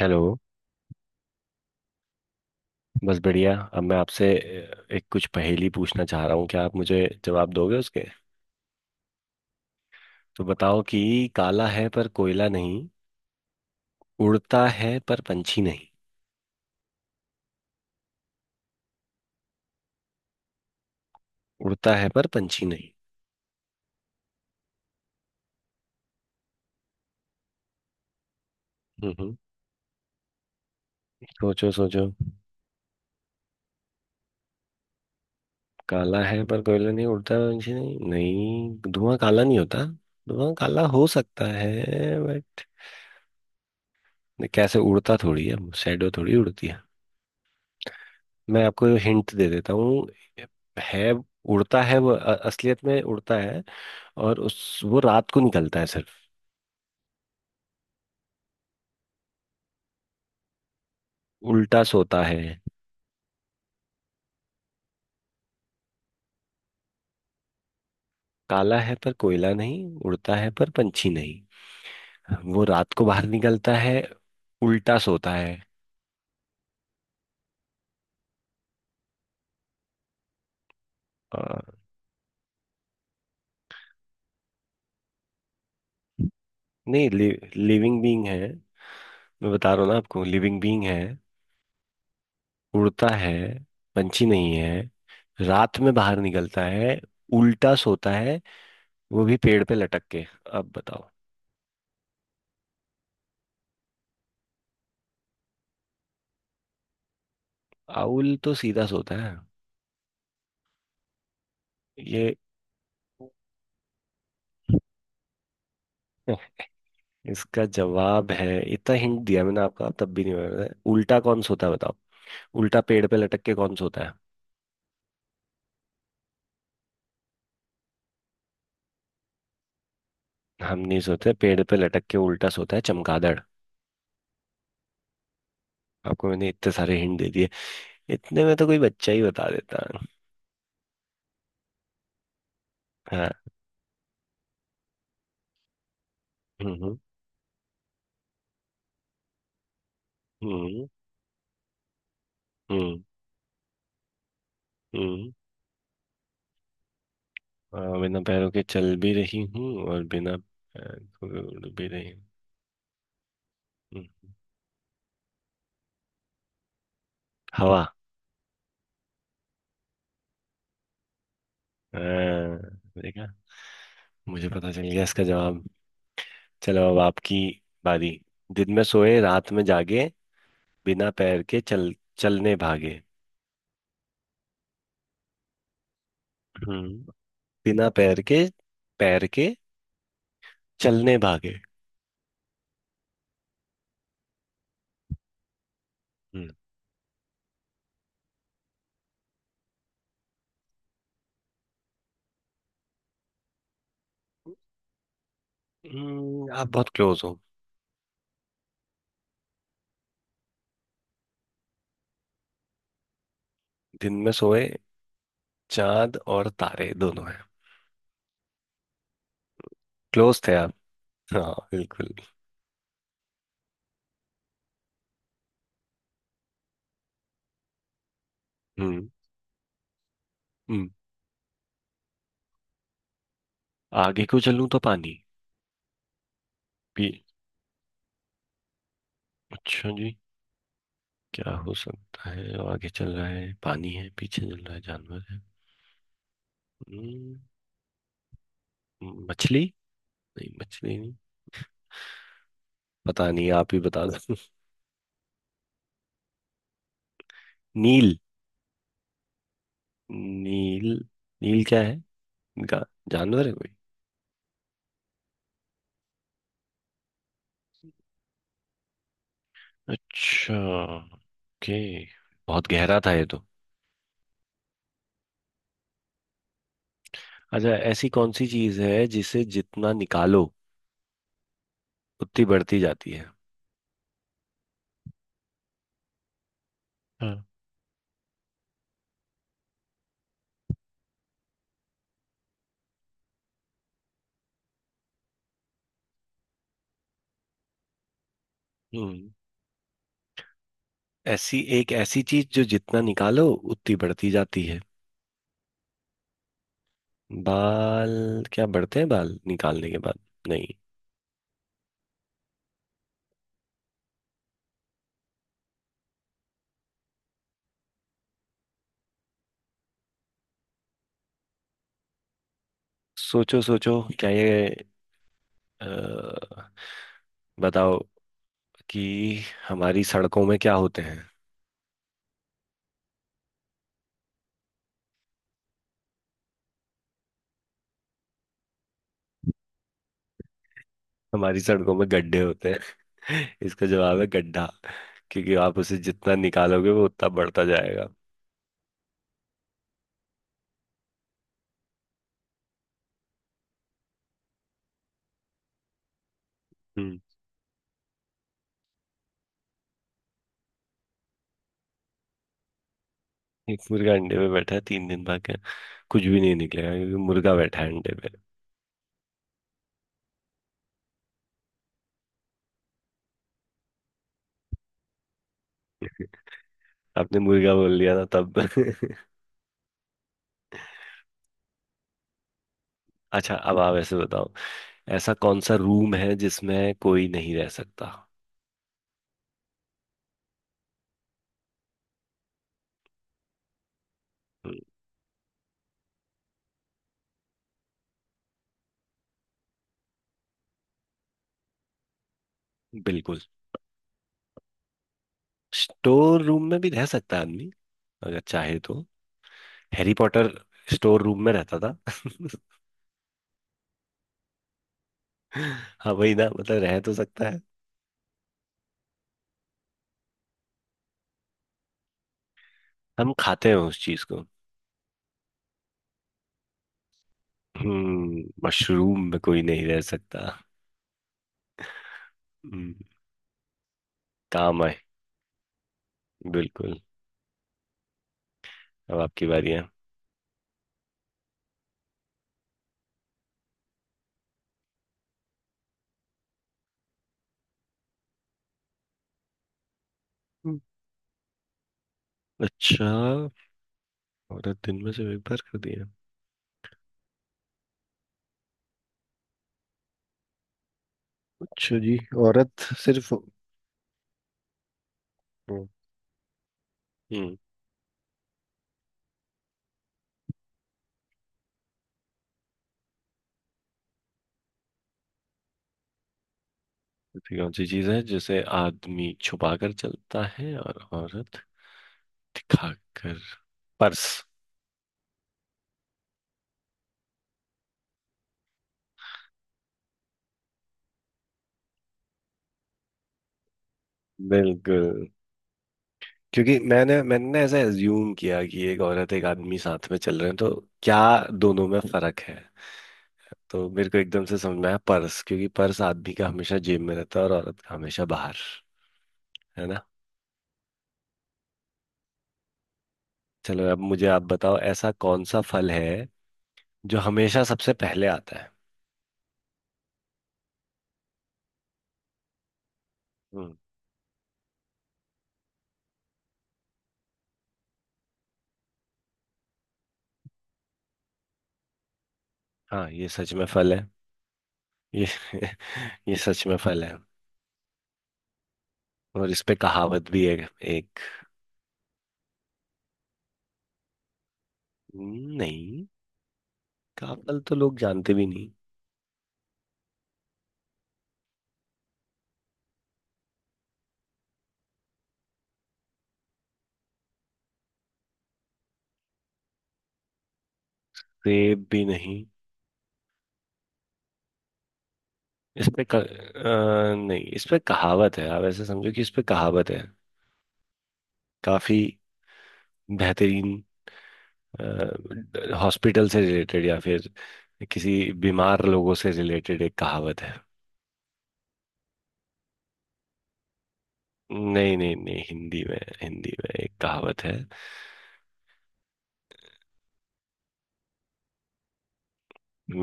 Hello. बस बढ़िया। अब मैं आपसे एक कुछ पहेली पूछना चाह रहा हूँ, क्या आप मुझे जवाब दोगे उसके? तो बताओ कि काला है पर कोयला नहीं, उड़ता है पर पंछी नहीं। उड़ता है पर पंछी नहीं। हम्म, हम्म। सोचो, सोचो। काला है पर कोयला नहीं, उड़ता है पर पंछी नहीं। नहीं, धुआं काला नहीं होता। धुआं काला हो सकता है, बट कैसे उड़ता थोड़ी है। शैडो थोड़ी उड़ती है। मैं आपको हिंट दे देता हूँ। है। उड़ता है वो, असलियत में उड़ता है। और उस वो रात को निकलता है सिर्फ। उल्टा सोता है। काला है पर कोयला नहीं, उड़ता है पर पंछी नहीं। वो रात को बाहर निकलता है। उल्टा सोता है। अ, नहीं, लिविंग बीइंग है। मैं बता रहा हूँ ना आपको, लिविंग बीइंग है। उड़ता है। पंछी नहीं है। रात में बाहर निकलता है। उल्टा सोता है, वो भी पेड़ पे लटक के। अब बताओ। आउल तो सीधा सोता है। ये इसका जवाब है। इतना हिंट दिया मैंने आपका तब भी नहीं बता, उल्टा कौन सोता है बताओ। उल्टा पेड़ पे लटक के कौन सोता है? हम नहीं सोते पेड़ पे लटक के, उल्टा सोता है चमगादड़। आपको मैंने इतने सारे हिंट दे दिए। इतने में तो कोई बच्चा ही बता देता है। हाँ। हम्म। हम्म। हम्म। हम्म। हम्म। हाँ, बिना पैरों के चल भी रही हूँ और बिना पैर को उड़ भी रही हूँ। हम्म, हम्म। हवा। हाँ, देखा, मुझे पता चल गया इसका जवाब। चलो अब आपकी बारी। दिन में सोए रात में जागे, बिना पैर के चल चलने भागे। हम्म। बिना पैर के चलने भागे। हम्म। आप बहुत क्लोज हो। दिन में सोए। चांद और तारे दोनों हैं। क्लोज थे आप। हाँ, बिल्कुल। हम्म। हम्म। आगे को चलूं तो पानी, पी अच्छा जी, क्या हो सकता है जो आगे चल रहा है पानी है, पीछे चल रहा है जानवर है? हम्म, मछली? नहीं, मछली नहीं। पता नहीं, आप ही बता दो। नील। नील। नील क्या है? गा- जानवर है कोई? अच्छा, ओके। बहुत गहरा था ये तो। अच्छा, ऐसी कौन सी चीज है जिसे जितना निकालो उतनी बढ़ती जाती है? हाँ। हम्म। ऐसी एक ऐसी चीज जो जितना निकालो उतनी बढ़ती जाती है। बाल क्या बढ़ते हैं बाल निकालने के बाद? नहीं। सोचो, सोचो, क्या ये, अ, बताओ कि हमारी सड़कों में क्या होते हैं? हमारी सड़कों में गड्ढे होते हैं। इसका जवाब है गड्ढा, क्योंकि आप उसे जितना निकालोगे वो उतना बढ़ता जाएगा। हम्म। एक मुर्गा अंडे में बैठा है 3 दिन बाकी है। कुछ भी नहीं निकलेगा क्योंकि मुर्गा बैठा है अंडे पे। आपने मुर्गा बोल दिया ना तब। अच्छा, अब आप ऐसे बताओ, ऐसा कौन सा रूम है जिसमें कोई नहीं रह सकता? हम्म। बिल्कुल। स्टोर रूम में भी रह सकता है आदमी, अगर चाहे तो। हैरी पॉटर स्टोर रूम में रहता था। हाँ वही ना, मतलब रह तो सकता है। हम खाते हैं उस चीज को। हम्म, मशरूम में कोई नहीं रह सकता। हम्म, काम आए। बिल्कुल। अब आपकी बारी है। हम्म। अच्छा। औरत दिन में सिर्फ एक बार खाती है? अच्छा जी। औरत सिर्फ। हम्म। ऐसी कौन सी चीज है जिसे आदमी छुपा कर चलता है और औरत दिखा कर? पर्स। बिल्कुल। क्योंकि मैंने मैंने ना ऐसा एज्यूम किया कि एक औरत एक आदमी साथ में चल रहे हैं, तो क्या दोनों में फर्क है? तो मेरे को एकदम से समझ में आया पर्स, क्योंकि पर्स आदमी का हमेशा जेब में रहता है और औरत का हमेशा बाहर, है ना। चलो अब मुझे आप बताओ, ऐसा कौन सा फल है जो हमेशा सबसे पहले आता है? हम्म। हाँ, ये सच में फल है। ये ये सच में फल है और इस पे कहावत भी है। एक। नहीं, का फल तो लोग जानते भी नहीं। सेब भी नहीं। इस पे नहीं, इस पे कहावत है, आप ऐसे समझो कि इस पे कहावत है। काफी बेहतरीन। हॉस्पिटल से रिलेटेड या फिर किसी बीमार लोगों से रिलेटेड एक कहावत है। नहीं, नहीं, नहीं, हिंदी में, हिंदी में एक कहावत है।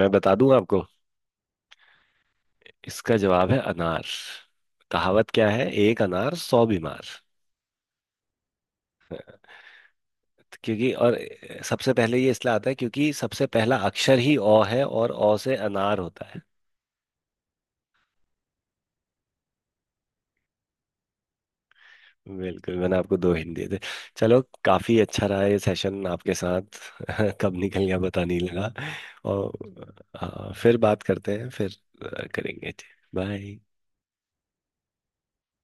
मैं बता दूं आपको। इसका जवाब है अनार। कहावत क्या है? एक अनार सौ बीमार। क्योंकि और सबसे पहले ये इसलिए आता है क्योंकि सबसे पहला अक्षर ही अ है, और अ से अनार होता है। बिल्कुल, मैंने आपको दो हिंट दिए थे। चलो, काफी अच्छा रहा ये सेशन आपके साथ। कब निकल गया पता नहीं लगा। और फिर बात करते हैं, फिर करेंगे। बाय।